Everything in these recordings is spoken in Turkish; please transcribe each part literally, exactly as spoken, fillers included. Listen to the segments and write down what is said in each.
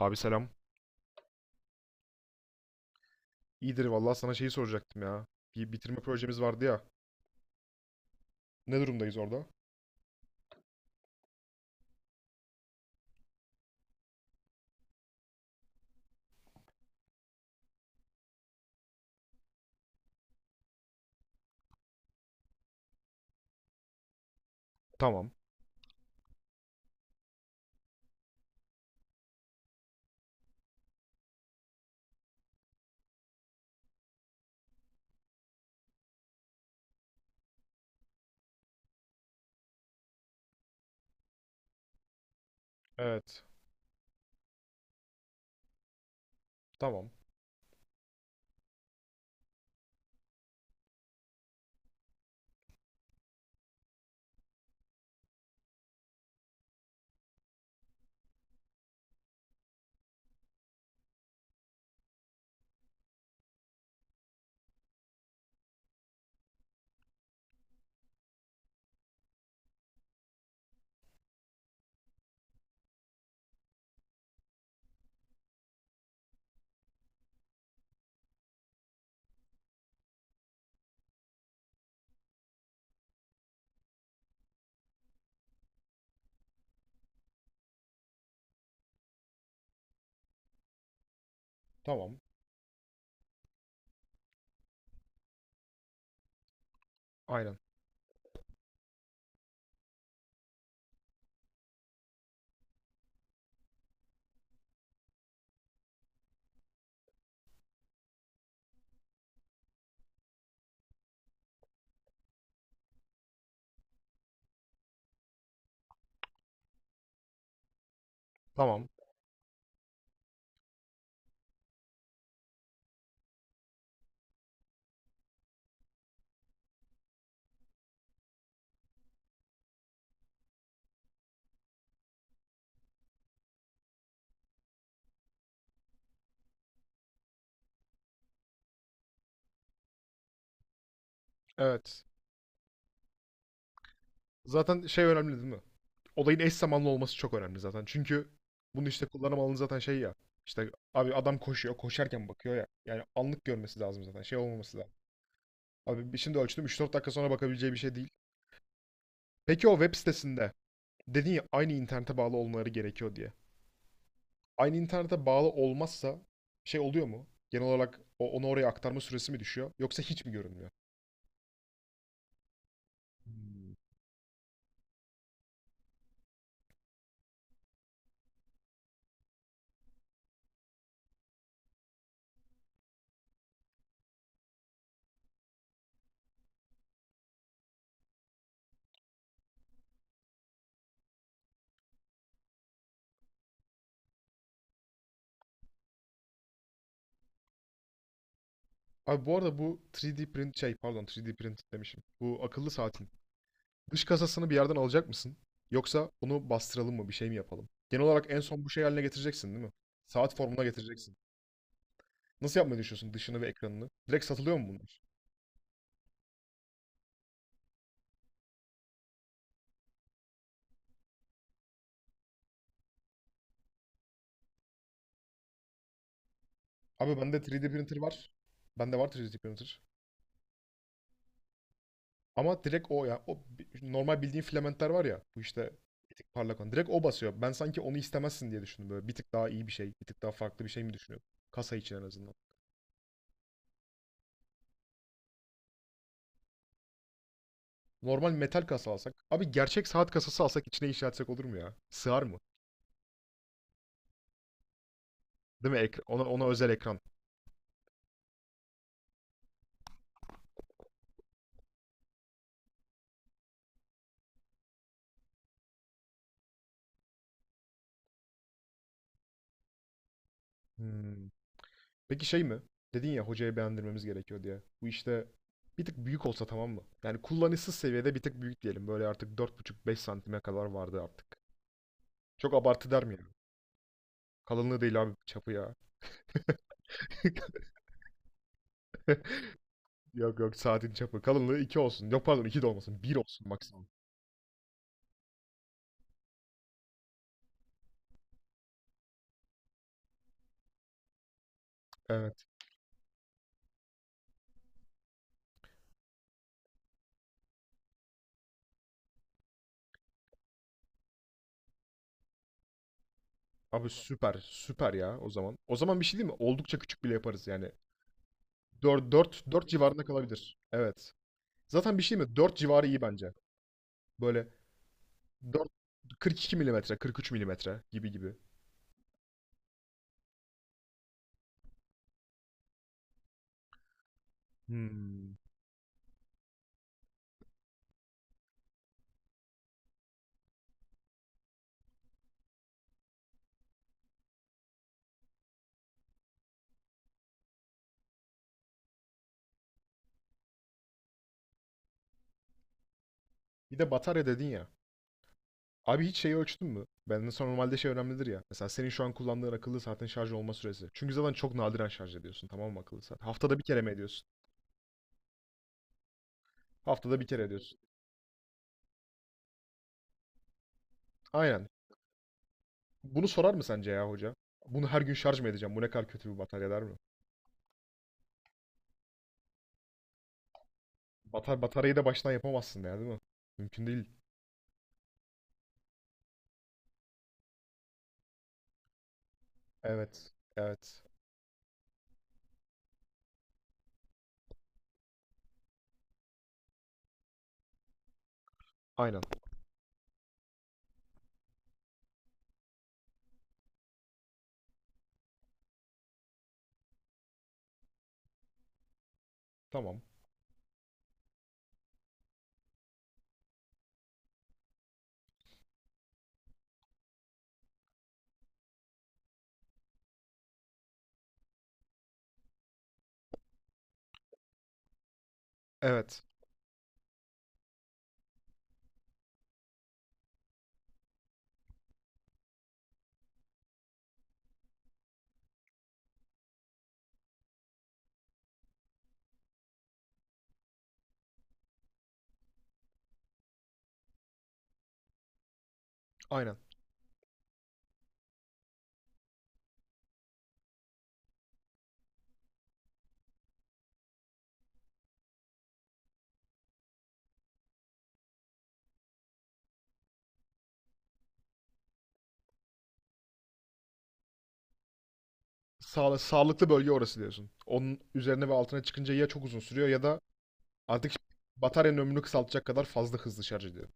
Abi selam. İyidir vallahi sana şeyi soracaktım ya. Bir bitirme projemiz vardı ya. Ne durumdayız orada? Tamam. Evet. Tamam. Tamam. Aynen. Tamam. Evet. Zaten şey önemli değil mi? Olayın eş zamanlı olması çok önemli zaten. Çünkü bunu işte kullanım alanı zaten şey ya. İşte abi adam koşuyor. Koşarken bakıyor ya. Yani anlık görmesi lazım zaten. Şey olmaması lazım. Abi şimdi ölçtüm. üç dört dakika sonra bakabileceği bir şey değil. Peki o web sitesinde dedin ya aynı internete bağlı olmaları gerekiyor diye. aynı internete bağlı olmazsa şey oluyor mu? Genel olarak o, onu oraya aktarma süresi mi düşüyor? Yoksa hiç mi görünmüyor? Abi bu arada bu üç D print şey pardon üç D print demişim. Bu akıllı saatin dış kasasını bir yerden alacak mısın? Yoksa bunu bastıralım mı bir şey mi yapalım? Genel olarak en son bu şey haline getireceksin değil mi? Saat formuna getireceksin. Nasıl yapmayı düşünüyorsun dışını ve ekranını? Direkt satılıyor mu bunlar? Abi bende üç D printer var. Bende var üç D printer. Ama direkt o ya. O normal bildiğin filamentler var ya. Bu işte bir tık parlak olan. Direkt o basıyor. Ben sanki onu istemezsin diye düşündüm böyle. Bir tık daha iyi bir şey, bir tık daha farklı bir şey mi düşünüyordum? Kasa için en azından. Normal metal kasa alsak. Abi gerçek saat kasası alsak içine inşa etsek olur mu ya? Sığar mı? Değil mi? Ekra- ona, ona özel ekran. Hmm. Peki şey mi? Dedin ya hocaya beğendirmemiz gerekiyor diye. Bu işte bir tık büyük olsa tamam mı? Yani kullanışsız seviyede bir tık büyük diyelim. Böyle artık dört buçuk beş santime kadar vardı artık. Çok abartı der mi ya? Kalınlığı değil abi çapı ya. Yok yok saatin çapı. Kalınlığı iki olsun. Yok pardon iki de olmasın. bir olsun maksimum. Evet. Abi süper. Süper ya o zaman. O zaman bir şey değil mi? Oldukça küçük bile yaparız yani. dört dört dört civarında kalabilir. Evet. Zaten bir şey değil mi? dört civarı iyi bence. Böyle dört, kırk iki milimetre, kırk üç milimetre gibi gibi. Hmm. Bir de batarya dedin ya. Abi hiç şeyi ölçtün mü? Ben mesela normalde şey önemlidir ya. Mesela senin şu an kullandığın akıllı saatin şarj olma süresi. Çünkü zaten çok nadiren şarj ediyorsun tamam mı akıllı saat? Haftada bir kere mi ediyorsun? Haftada bir kere ediyorsun. Aynen. Bunu sorar mı sence ya hoca? Bunu her gün şarj mı edeceğim? Bu ne kadar kötü bir batarya der mi? Batar bataryayı da baştan yapamazsın ya değil mi? Mümkün değil. Evet. Evet. Aynen. Tamam. Evet. Aynen. Sağ, sağlıklı bölge orası diyorsun. Onun üzerine ve altına çıkınca ya çok uzun sürüyor ya da artık bataryanın ömrünü kısaltacak kadar fazla hızlı şarj ediyor.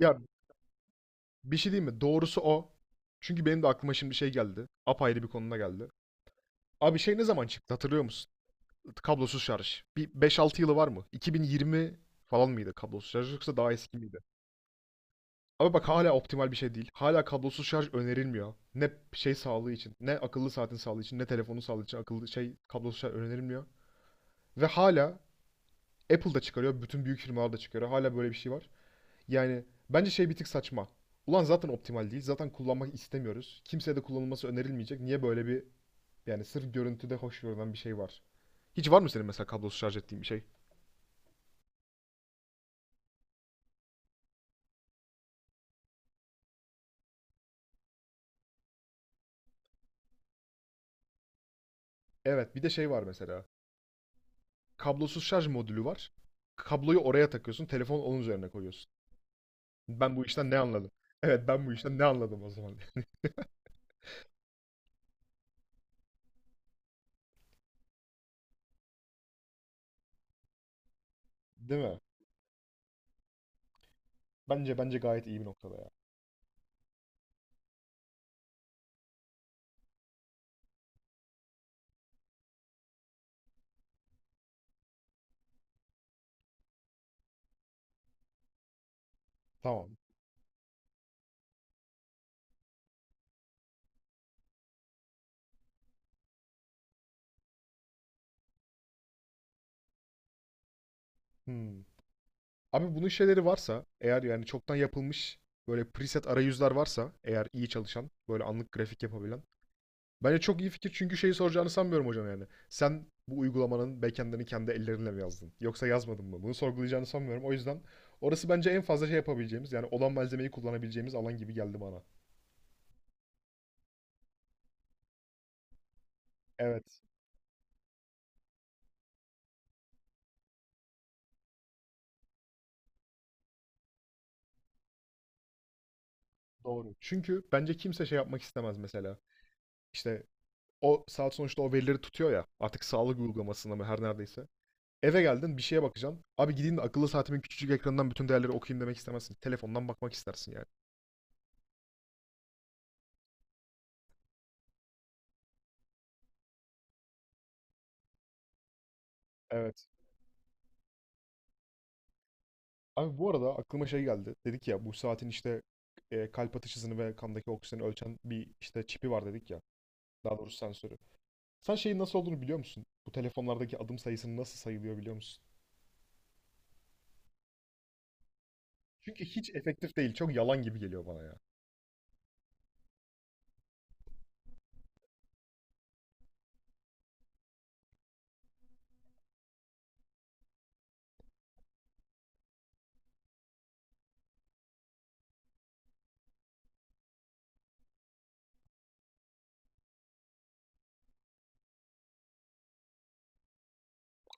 Ya bir şey değil mi? Doğrusu o. Çünkü benim de aklıma şimdi şey geldi. Apayrı bir konuna geldi. Abi şey ne zaman çıktı hatırlıyor musun? Kablosuz şarj. Bir beş altı yılı var mı? iki bin yirmi falan mıydı kablosuz şarj yoksa daha eski miydi? Ama bak hala optimal bir şey değil. Hala kablosuz şarj önerilmiyor. Ne şey sağlığı için, ne akıllı saatin sağlığı için, ne telefonun sağlığı için akıllı şey kablosuz şarj önerilmiyor. Ve hala Apple da çıkarıyor, bütün büyük firmalar da çıkarıyor. Hala böyle bir şey var. Yani bence şey bir tık saçma. Ulan zaten optimal değil. Zaten kullanmak istemiyoruz. Kimseye de kullanılması önerilmeyecek. Niye böyle bir yani sırf görüntüde hoş görünen bir şey var? Hiç var mı senin mesela kablosuz şarj ettiğin bir şey? Evet, bir de şey var mesela. kablosuz şarj modülü var. Kabloyu oraya takıyorsun. telefonu onun üzerine koyuyorsun. Ben bu işten ne anladım? Evet ben bu işten ne anladım o zaman? Değil mi? Bence bence gayet iyi bir noktada ya. Tamam. Hmm. Abi bunun şeyleri varsa eğer yani çoktan yapılmış böyle preset arayüzler varsa eğer iyi çalışan böyle anlık grafik yapabilen. Bence çok iyi fikir çünkü şeyi soracağını sanmıyorum hocam yani. Sen bu uygulamanın backend'ini kendi ellerinle mi yazdın? Yoksa yazmadın mı? Bunu sorgulayacağını sanmıyorum. O yüzden orası bence en fazla şey yapabileceğimiz yani olan malzemeyi kullanabileceğimiz alan gibi geldi bana. Evet, doğru. Çünkü bence kimse şey yapmak istemez mesela. İşte o saat sonuçta o verileri tutuyor ya artık sağlık uygulamasında mı her neredeyse. Eve geldin bir şeye bakacaksın. Abi gideyim de akıllı saatimin küçücük ekranından bütün değerleri okuyayım demek istemezsin. Telefondan bakmak istersin yani. Evet. Abi bu arada aklıma şey geldi. Dedik ya bu saatin işte e, kalp atış hızını ve kandaki oksijeni ölçen bir işte çipi var dedik ya. Daha doğrusu sensörü. Sen şeyin nasıl olduğunu biliyor musun? Bu telefonlardaki adım sayısının nasıl sayılıyor biliyor musun? Çünkü hiç efektif değil. Çok yalan gibi geliyor bana ya.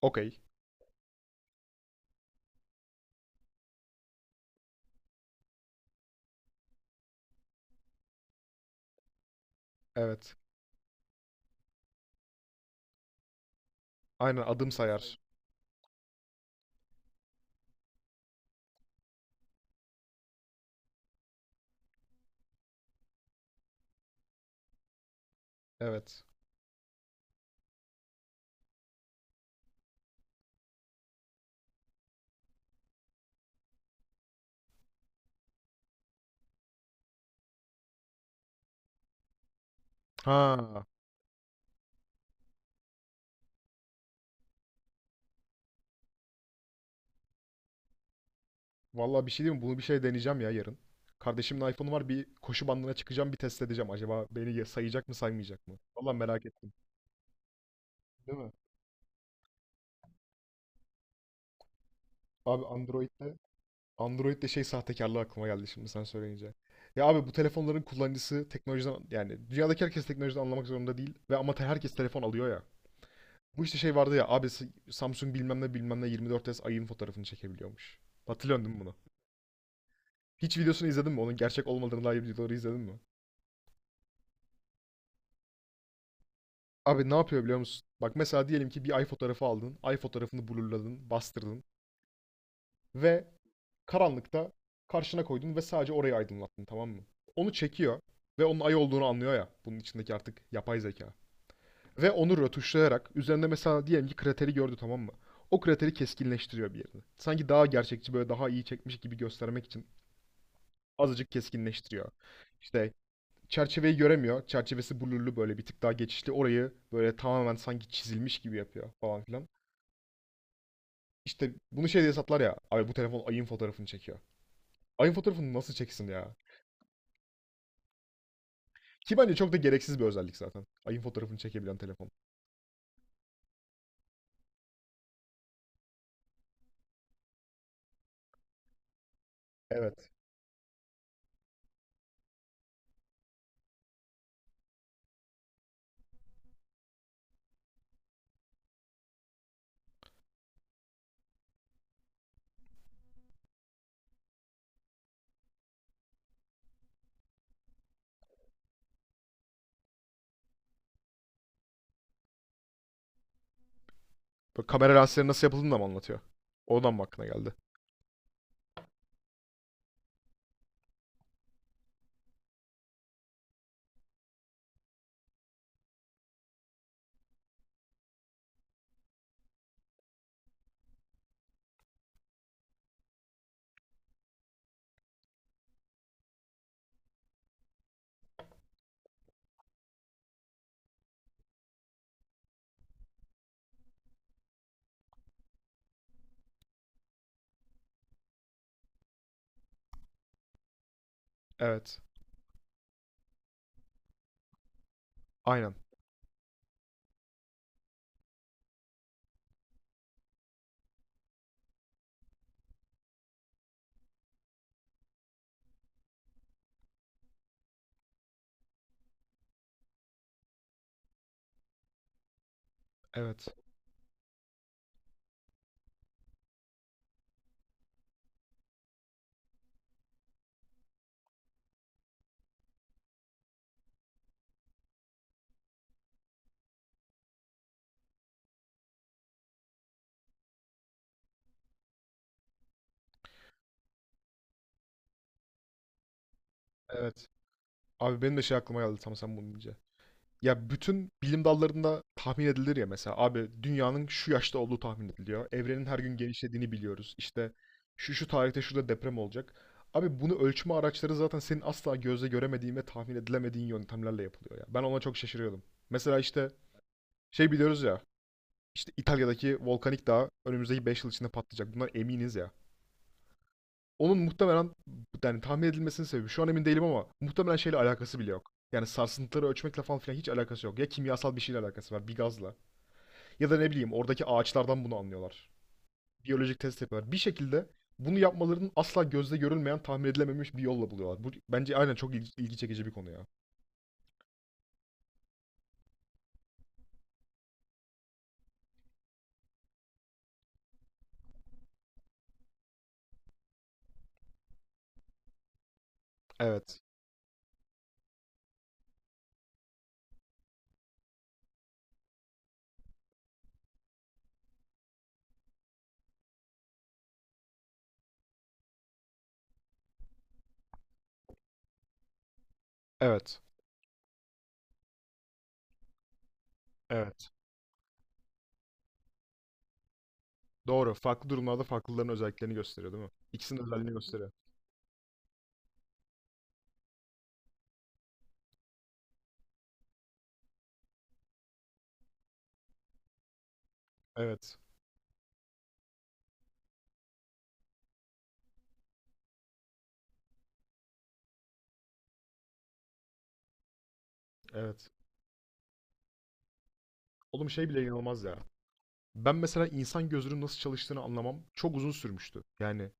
Okey. Evet. Aynen adım sayar. Evet. Ha. Vallahi bir şey diyeyim mi? Bunu bir şey deneyeceğim ya yarın. Kardeşimin iPhone'u var. Bir koşu bandına çıkacağım. Bir test edeceğim. Acaba beni sayacak mı saymayacak mı? Vallahi merak ettim. Değil mi? Abi Android'de Android'de şey sahtekarlığı aklıma geldi şimdi sen söyleyince. Ya abi bu telefonların kullanıcısı teknolojiden yani dünyadaki herkes teknolojiden anlamak zorunda değil ve ama te- herkes telefon alıyor ya. Bu işte şey vardı ya abi S- Samsung bilmem ne bilmem ne yirmi dört S ayın fotoğrafını çekebiliyormuş. Hatırlıyorsun değil mi bunu? Hiç videosunu izledin mi? Onun gerçek olmadığını dair videoları izledin mi? Abi ne yapıyor biliyor musun? Bak mesela diyelim ki bir ay fotoğrafı aldın. Ay fotoğrafını blurladın, bastırdın ve karanlıkta karşına koydun ve sadece orayı aydınlattın tamam mı? Onu çekiyor ve onun ay olduğunu anlıyor ya bunun içindeki artık yapay zeka. Ve onu rötuşlayarak üzerinde mesela diyelim ki krateri gördü tamam mı? O krateri keskinleştiriyor bir yerini. Sanki daha gerçekçi böyle daha iyi çekmiş gibi göstermek için azıcık keskinleştiriyor. İşte çerçeveyi göremiyor. Çerçevesi blurlu böyle bir tık daha geçişli. Orayı böyle tamamen sanki çizilmiş gibi yapıyor falan filan. İşte bunu şey diye satlar ya. Abi bu telefon ayın fotoğrafını çekiyor. Ayın fotoğrafını nasıl çeksin ya? Ki bence çok da gereksiz bir özellik zaten. Ayın fotoğrafını çekebilen telefon. Evet. Böyle kamera lensleri nasıl yapıldığını da mı anlatıyor? Oradan mı aklına geldi? Evet. Aynen. Evet. Evet. Abi benim de şey aklıma geldi tam sen bunu deyince. Ya bütün bilim dallarında tahmin edilir ya mesela abi dünyanın şu yaşta olduğu tahmin ediliyor. Evrenin her gün genişlediğini biliyoruz. İşte şu şu tarihte şurada deprem olacak. Abi bunu ölçme araçları zaten senin asla gözle göremediğin ve tahmin edilemediğin yöntemlerle yapılıyor ya. Ben ona çok şaşırıyordum. Mesela işte Şey biliyoruz ya. İşte İtalya'daki volkanik dağ önümüzdeki beş yıl içinde patlayacak. Bunlar eminiz ya. Onun muhtemelen yani tahmin edilmesinin sebebi şu an emin değilim ama muhtemelen şeyle alakası bile yok. Yani sarsıntıları ölçmekle falan filan hiç alakası yok. Ya kimyasal bir şeyle alakası var, bir gazla. Ya da ne bileyim oradaki ağaçlardan bunu anlıyorlar. Biyolojik test yapıyorlar. Bir şekilde bunu yapmalarının asla gözle görülmeyen, tahmin edilememiş bir yolla buluyorlar. Bu bence aynen çok ilgi, ilgi çekici bir konu ya. Evet. Evet. Evet. Doğru. Farklı durumlarda farklıların özelliklerini gösteriyor değil mi? İkisinin de özelliğini gösteriyor. Evet. Evet. Oğlum şey bile inanılmaz ya. Ben mesela insan gözünün nasıl çalıştığını anlamam çok uzun sürmüştü. Yani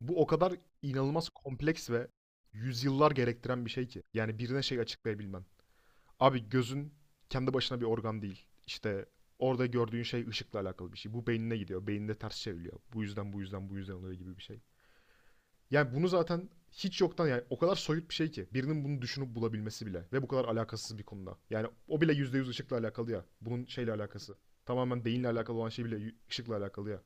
bu o kadar inanılmaz kompleks ve yüzyıllar gerektiren bir şey ki. Yani birine şey açıklayabilmen. Abi gözün kendi başına bir organ değil. İşte orada gördüğün şey ışıkla alakalı bir şey. Bu beynine gidiyor. Beyninde ters çevriliyor. Bu yüzden bu yüzden bu yüzden oluyor gibi bir şey. Yani bunu zaten hiç yoktan yani o kadar soyut bir şey ki birinin bunu düşünüp bulabilmesi bile ve bu kadar alakasız bir konuda. Yani o bile yüzde yüz ışıkla alakalı ya. Bunun şeyle alakası. Tamamen beyinle alakalı olan şey bile y- ışıkla alakalı ya.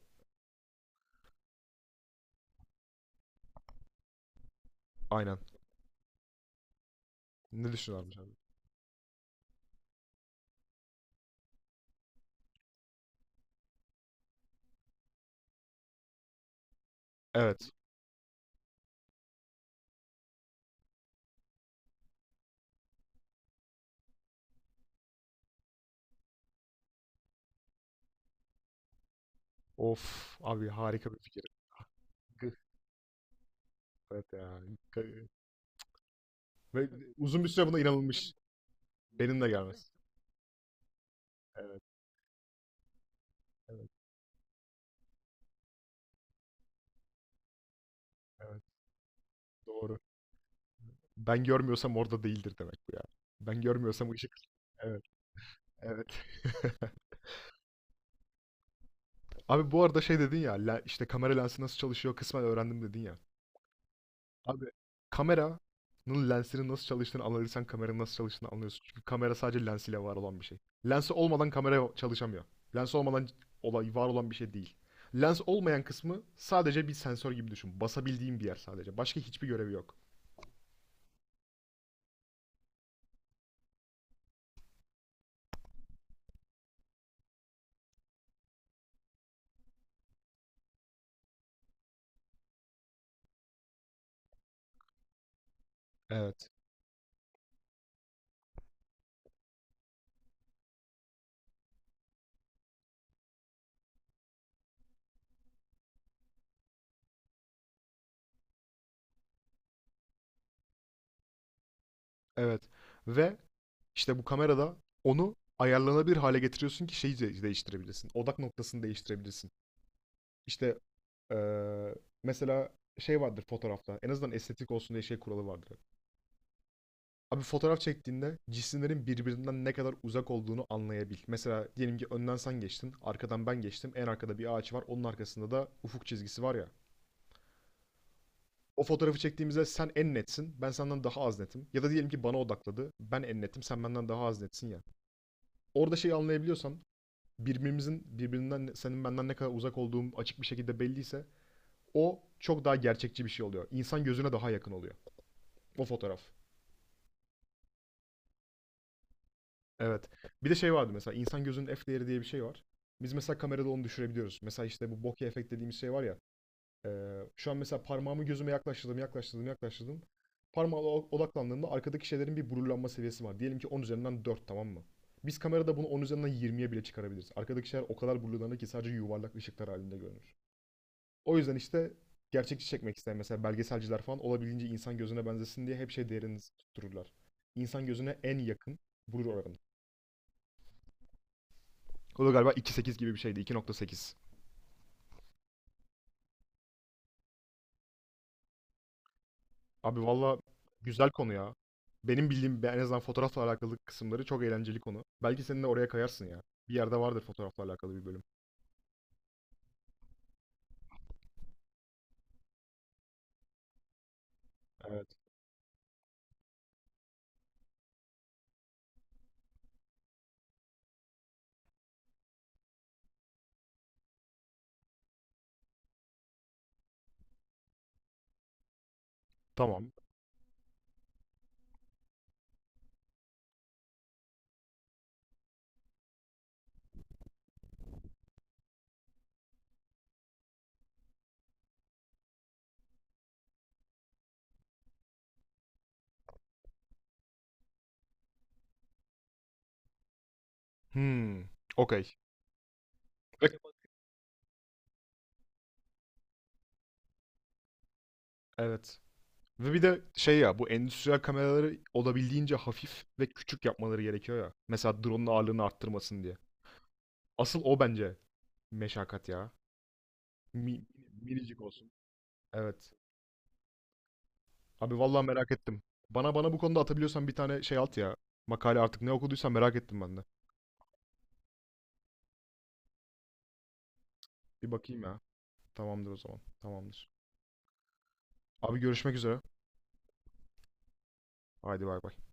Aynen. Ne düşünüyorsun abi? Evet. Of abi harika bir fikir. Gıh, Evet ya. Ka- Ve uzun bir süre buna inanılmış. Benim de gelmez. Evet, evet, evet. Doğru. Ben görmüyorsam orada değildir demek bu ya. Ben görmüyorsam ışık. Evet, evet. Abi bu arada şey dedin ya, le- işte kamera lensi nasıl çalışıyor kısmen öğrendim dedin ya. Abi kameranın lensinin nasıl çalıştığını anlarsan kameranın nasıl çalıştığını anlıyorsun. Çünkü kamera sadece lensiyle var olan bir şey. Lensi olmadan kamera çalışamıyor. Lens olmadan olay var olan bir şey değil. Lens olmayan kısmı sadece bir sensör gibi düşün. Basabildiğin bir yer sadece. Başka hiçbir görevi yok. Evet. Evet. Ve işte bu kamerada onu ayarlanabilir hale getiriyorsun ki şeyi de- değiştirebilirsin. Odak noktasını değiştirebilirsin. İşte eee, mesela şey vardır fotoğrafta. En azından estetik olsun diye şey kuralı vardır. Abi fotoğraf çektiğinde cisimlerin birbirinden ne kadar uzak olduğunu anlayabil. Mesela diyelim ki önden sen geçtin, arkadan ben geçtim. En arkada bir ağaç var, onun arkasında da ufuk çizgisi var ya. O fotoğrafı çektiğimizde sen en netsin, ben senden daha az netim. Ya da diyelim ki bana odakladı, ben en netim, sen benden daha az netsin ya. Orada şeyi anlayabiliyorsan, birbirimizin birbirinden senin benden ne kadar uzak olduğum açık bir şekilde belliyse o çok daha gerçekçi bir şey oluyor. İnsan gözüne daha yakın oluyor. O fotoğraf. Evet. Bir de şey vardı mesela insan gözünün f değeri diye bir şey var. Biz mesela kamerada onu düşürebiliyoruz. Mesela işte bu bokeh efekt dediğimiz şey var ya. eee, şu an mesela parmağımı gözüme yaklaştırdım, yaklaştırdım, yaklaştırdım. Parmağıma odaklandığımda arkadaki şeylerin bir blurlanma seviyesi var. Diyelim ki on üzerinden dört tamam mı? Biz kamerada bunu on üzerinden yirmiye bile çıkarabiliriz. Arkadaki şeyler o kadar blurlanır ki sadece yuvarlak ışıklar halinde görünür. O yüzden işte gerçekçi çekmek isteyen mesela belgeselciler falan olabildiğince insan gözüne benzesin diye hep şey değerini tuttururlar. İnsan gözüne en yakın burur oranı. O da galiba iki nokta sekiz gibi bir şeydi. iki nokta sekiz. Abi valla güzel konu ya. Benim bildiğim en azından fotoğrafla alakalı kısımları çok eğlenceli konu. Belki senin de oraya kayarsın ya. Bir yerde vardır fotoğrafla alakalı bir bölüm. Evet. Tamam. Hmm. Okey. Evet. Ve bir de şey ya bu endüstriyel kameraları olabildiğince hafif ve küçük yapmaları gerekiyor ya. Mesela drone'un ağırlığını arttırmasın diye. Asıl o bence meşakkat ya. Mi- minicik olsun. Evet. Abi vallahi merak ettim. Bana bana bu konuda atabiliyorsan bir tane şey at ya. Makale artık ne okuduysan merak ettim ben de. Bir bakayım ya. Tamamdır o zaman. Tamamdır. Abi görüşmek üzere. Haydi bay bay.